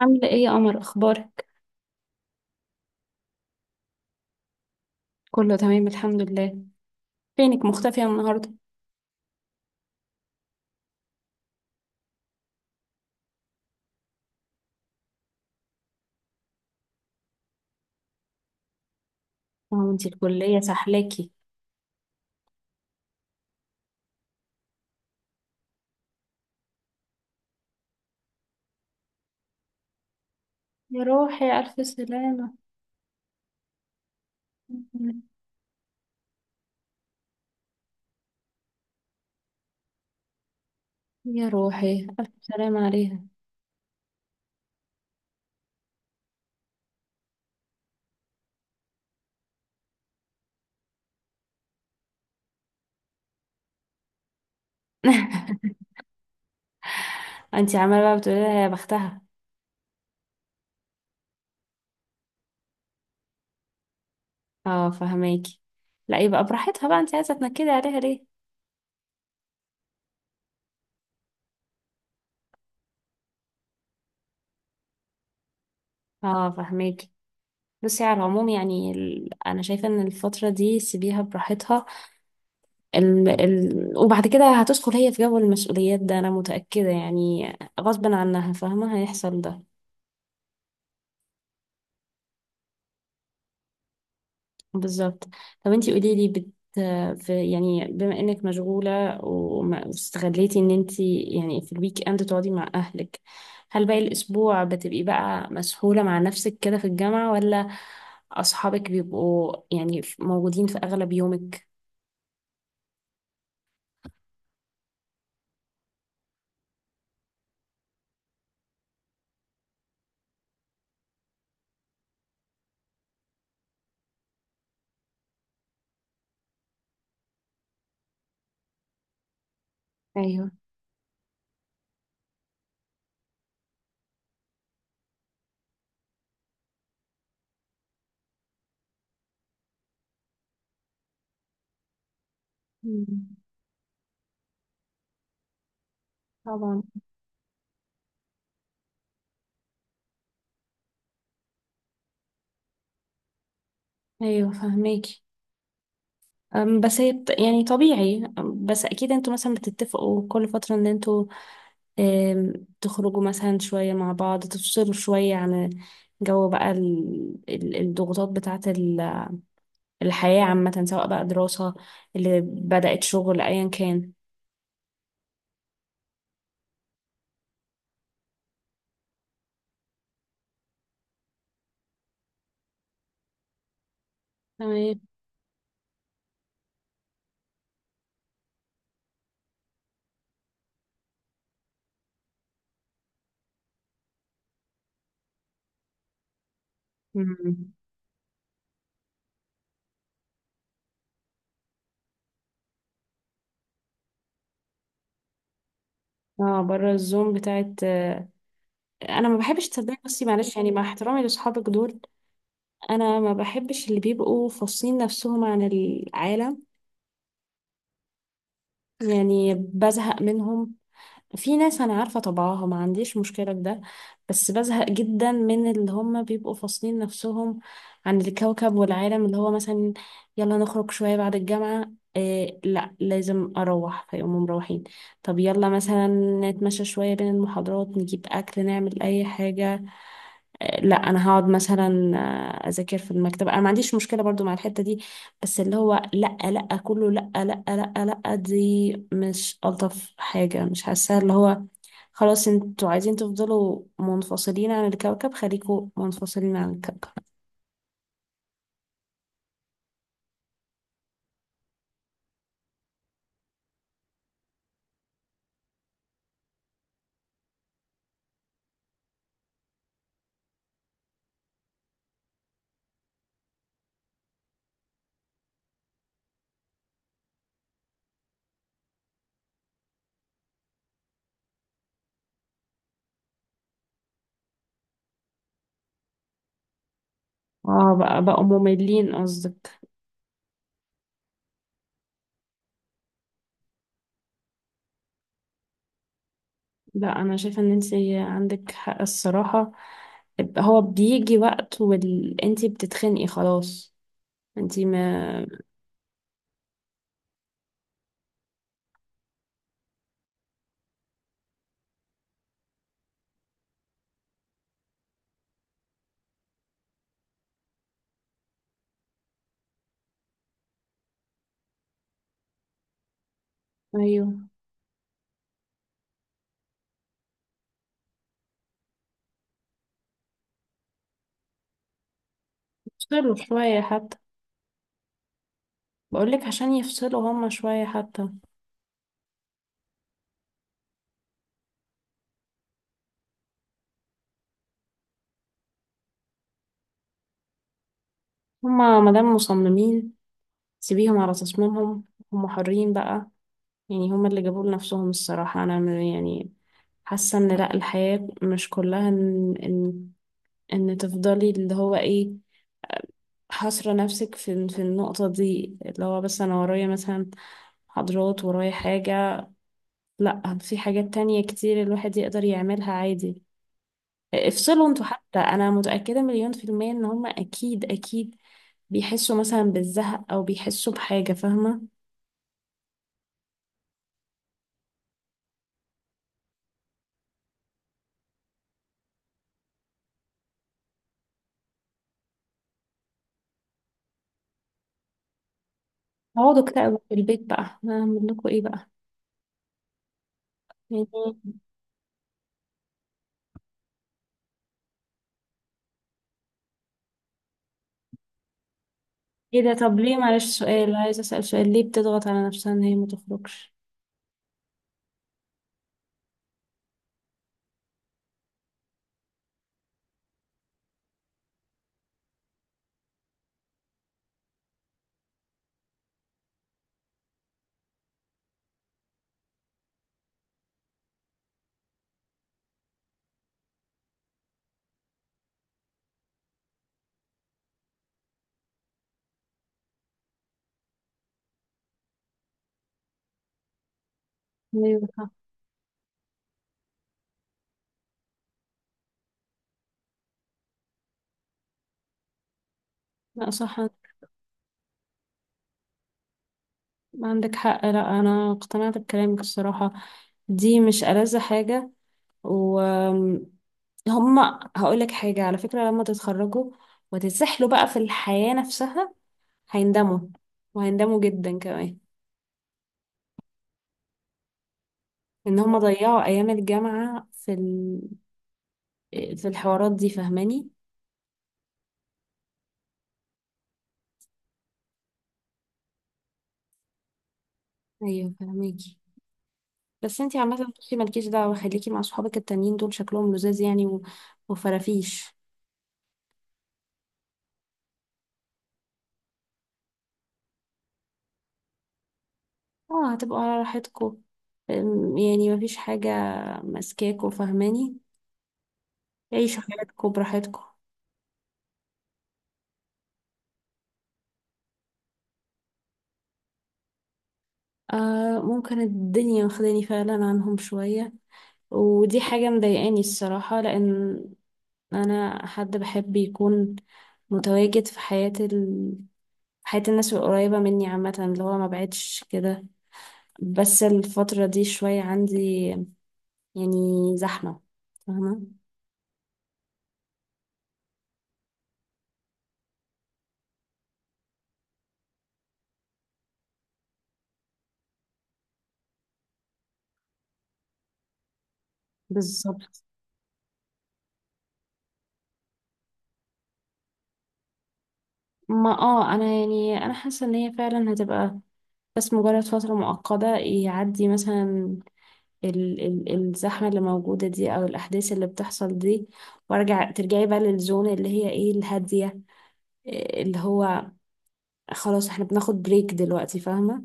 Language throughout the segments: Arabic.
عاملة ايه يا قمر؟ اخبارك؟ كله تمام الحمد لله. فينك مختفية النهاردة؟ اه، انتي الكلية سحلاكي؟ يا روحي، ألف سلامة. يا روحي، ألف سلامة عليها. انتي عمالة بقى بتقولي لها يا بختها؟ اه، فهماكي. لا، يبقى براحتها بقى، انتي عايزة تنكدي عليها ليه؟ اه، فهماكي. بصي على العموم، يعني انا شايفة ان الفترة دي سيبيها براحتها. وبعد كده هتدخل هي في جو المسؤوليات ده، انا متأكدة يعني غصب عنها، فاهمة، هيحصل ده. بالظبط. طب انتي قولي لي، بت، في، يعني بما انك مشغولة واستغليتي ان انتي يعني في الويك اند تقعدي مع اهلك، هل باقي الاسبوع بتبقي بقى مسحولة مع نفسك كده في الجامعة، ولا اصحابك بيبقوا يعني موجودين في اغلب يومك؟ ايوه. مم. طبعا. ايوه فهميكي. بس هي يعني طبيعي. بس اكيد انتوا مثلا بتتفقوا كل فترة ان انتوا آم، تخرجوا مثلا شوية مع بعض، تفصلوا شوية عن جو بقى الضغوطات بتاعة الحياة، عامة، سواء بقى دراسة اللي بدأت شغل، أيا كان. تمام. مم. اه بره الزوم بتاعت انا ما بحبش، تصدقي بصي، معلش، يعني مع احترامي لاصحابك دول، انا ما بحبش اللي بيبقوا فاصلين نفسهم عن العالم. يعني بزهق منهم. في ناس انا عارفه طبعها ما عنديش مشكله في ده، بس بزهق جدا من اللي هم بيبقوا فاصلين نفسهم عن الكوكب والعالم، اللي هو مثلا يلا نخرج شويه بعد الجامعه، إيه لا لازم اروح، فيقوموا مروحين. طب يلا مثلا نتمشى شويه بين المحاضرات، نجيب اكل، نعمل اي حاجه، إيه لا انا هقعد مثلا اذاكر في المكتبه. انا ما عنديش مشكله برضو مع الحته دي، بس اللي هو لأ لأ كله لأ لأ، لأ لأ دي مش ألطف حاجة، مش حاساها. اللي هو خلاص انتوا عايزين تفضلوا منفصلين عن الكوكب، خليكوا منفصلين عن الكوكب. اه بقى، بقوا مملين قصدك؟ لا، أنا شايفة إن انتي عندك حق الصراحة. هو بيجي وقت وانتي بتتخنقي خلاص. انتي ما. أيوه. يفصلوا شوية حتى. بقولك عشان يفصلوا هما شوية حتى. هما مادام مصممين، سيبيهم على تصميمهم، هم حرين بقى. يعني هم اللي جابوا لنفسهم الصراحة. أنا يعني حاسة إن لأ، الحياة مش كلها إن إن تفضلي اللي هو إيه، حاصرة نفسك في النقطة دي، اللي هو بس أنا ورايا مثلا محاضرات، ورايا حاجة. لأ، في حاجات تانية كتير الواحد يقدر يعملها عادي. افصلوا انتوا حتى، أنا متأكدة مليون في المية إن هم أكيد أكيد بيحسوا مثلا بالزهق، أو بيحسوا بحاجة، فاهمة. اقعدوا اكتئبوا في البيت بقى، هعمل لكم ايه بقى؟ يعني ايه ده، طب ليه، معلش سؤال عايزة اسأل، سؤال، ليه بتضغط على نفسها ان هي ما تخرجش؟ ليه بقى؟ لا صح. عندك حق، لا انا اقتنعت بكلامك الصراحة، دي مش ألذ حاجة. و هما، هقول لك حاجة على فكرة، لما تتخرجوا وتتسحلوا بقى في الحياة نفسها، هيندموا، وهيندموا جدا كمان ان هما ضيعوا ايام الجامعة في في الحوارات دي، فاهماني. ايوه فاهماكي. بس انتي عامة بصي مالكيش دعوة، خليكي مع صحابك التانيين دول، شكلهم لذاذ يعني وفرافيش. اه هتبقوا على راحتكوا. يعني مفيش حاجة ماسكاكوا، فاهماني. عيشوا حياتكوا براحتكوا. آه ممكن الدنيا واخداني فعلا عنهم شوية، ودي حاجة مضايقاني الصراحة، لأن أنا حد بحب يكون متواجد في حياة حياة الناس القريبة مني، عامة اللي هو ما بعدش كده. بس الفترة دي شوية عندي يعني زحمة، فاهمة. بالظبط. ما انا حاسة ان هي فعلا هتبقى بس مجرد فترة مؤقتة، يعدي مثلا ال ال الزحمة اللي موجودة دي، او الاحداث اللي بتحصل دي، وارجع ترجعي بقى للزون اللي هي ايه، الهادية، إيه اللي هو خلاص احنا بناخد بريك دلوقتي، فاهمة.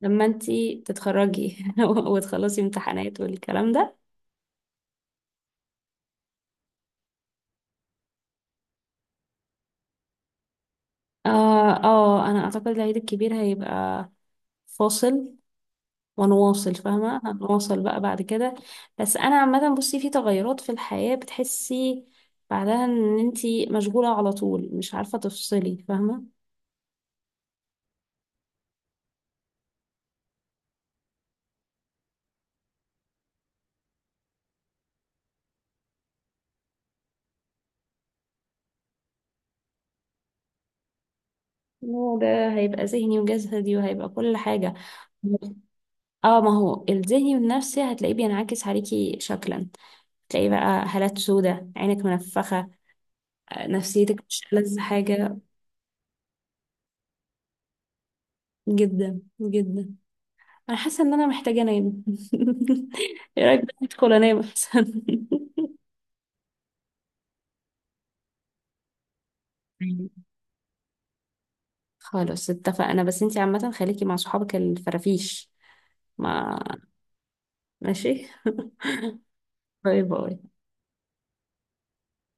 لما انتي تتخرجي وتخلصي امتحانات والكلام ده. اه اه انا اعتقد العيد الكبير هيبقى فاصل ونواصل، فاهمة، هنواصل بقى بعد كده. بس أنا عامة بصي، في تغيرات في الحياة بتحسي بعدها إن انتي مشغولة على طول، مش عارفة تفصلي، فاهمة. وده هيبقى ذهني وجسدي، وهيبقى كل حاجة. اه ما هو الذهني والنفسي هتلاقيه بينعكس عليكي شكلا، تلاقي بقى هالات سودة، عينك منفخة، نفسيتك مش ألذ حاجة. جدا جدا. أنا حاسة إن أنا محتاجة أنام. إيه رأيك بقى ندخل أنام أحسن؟ خلاص اتفقنا، بس انتي عامة خليكي مع صحابك الفرافيش. ما ماشي. باي باي.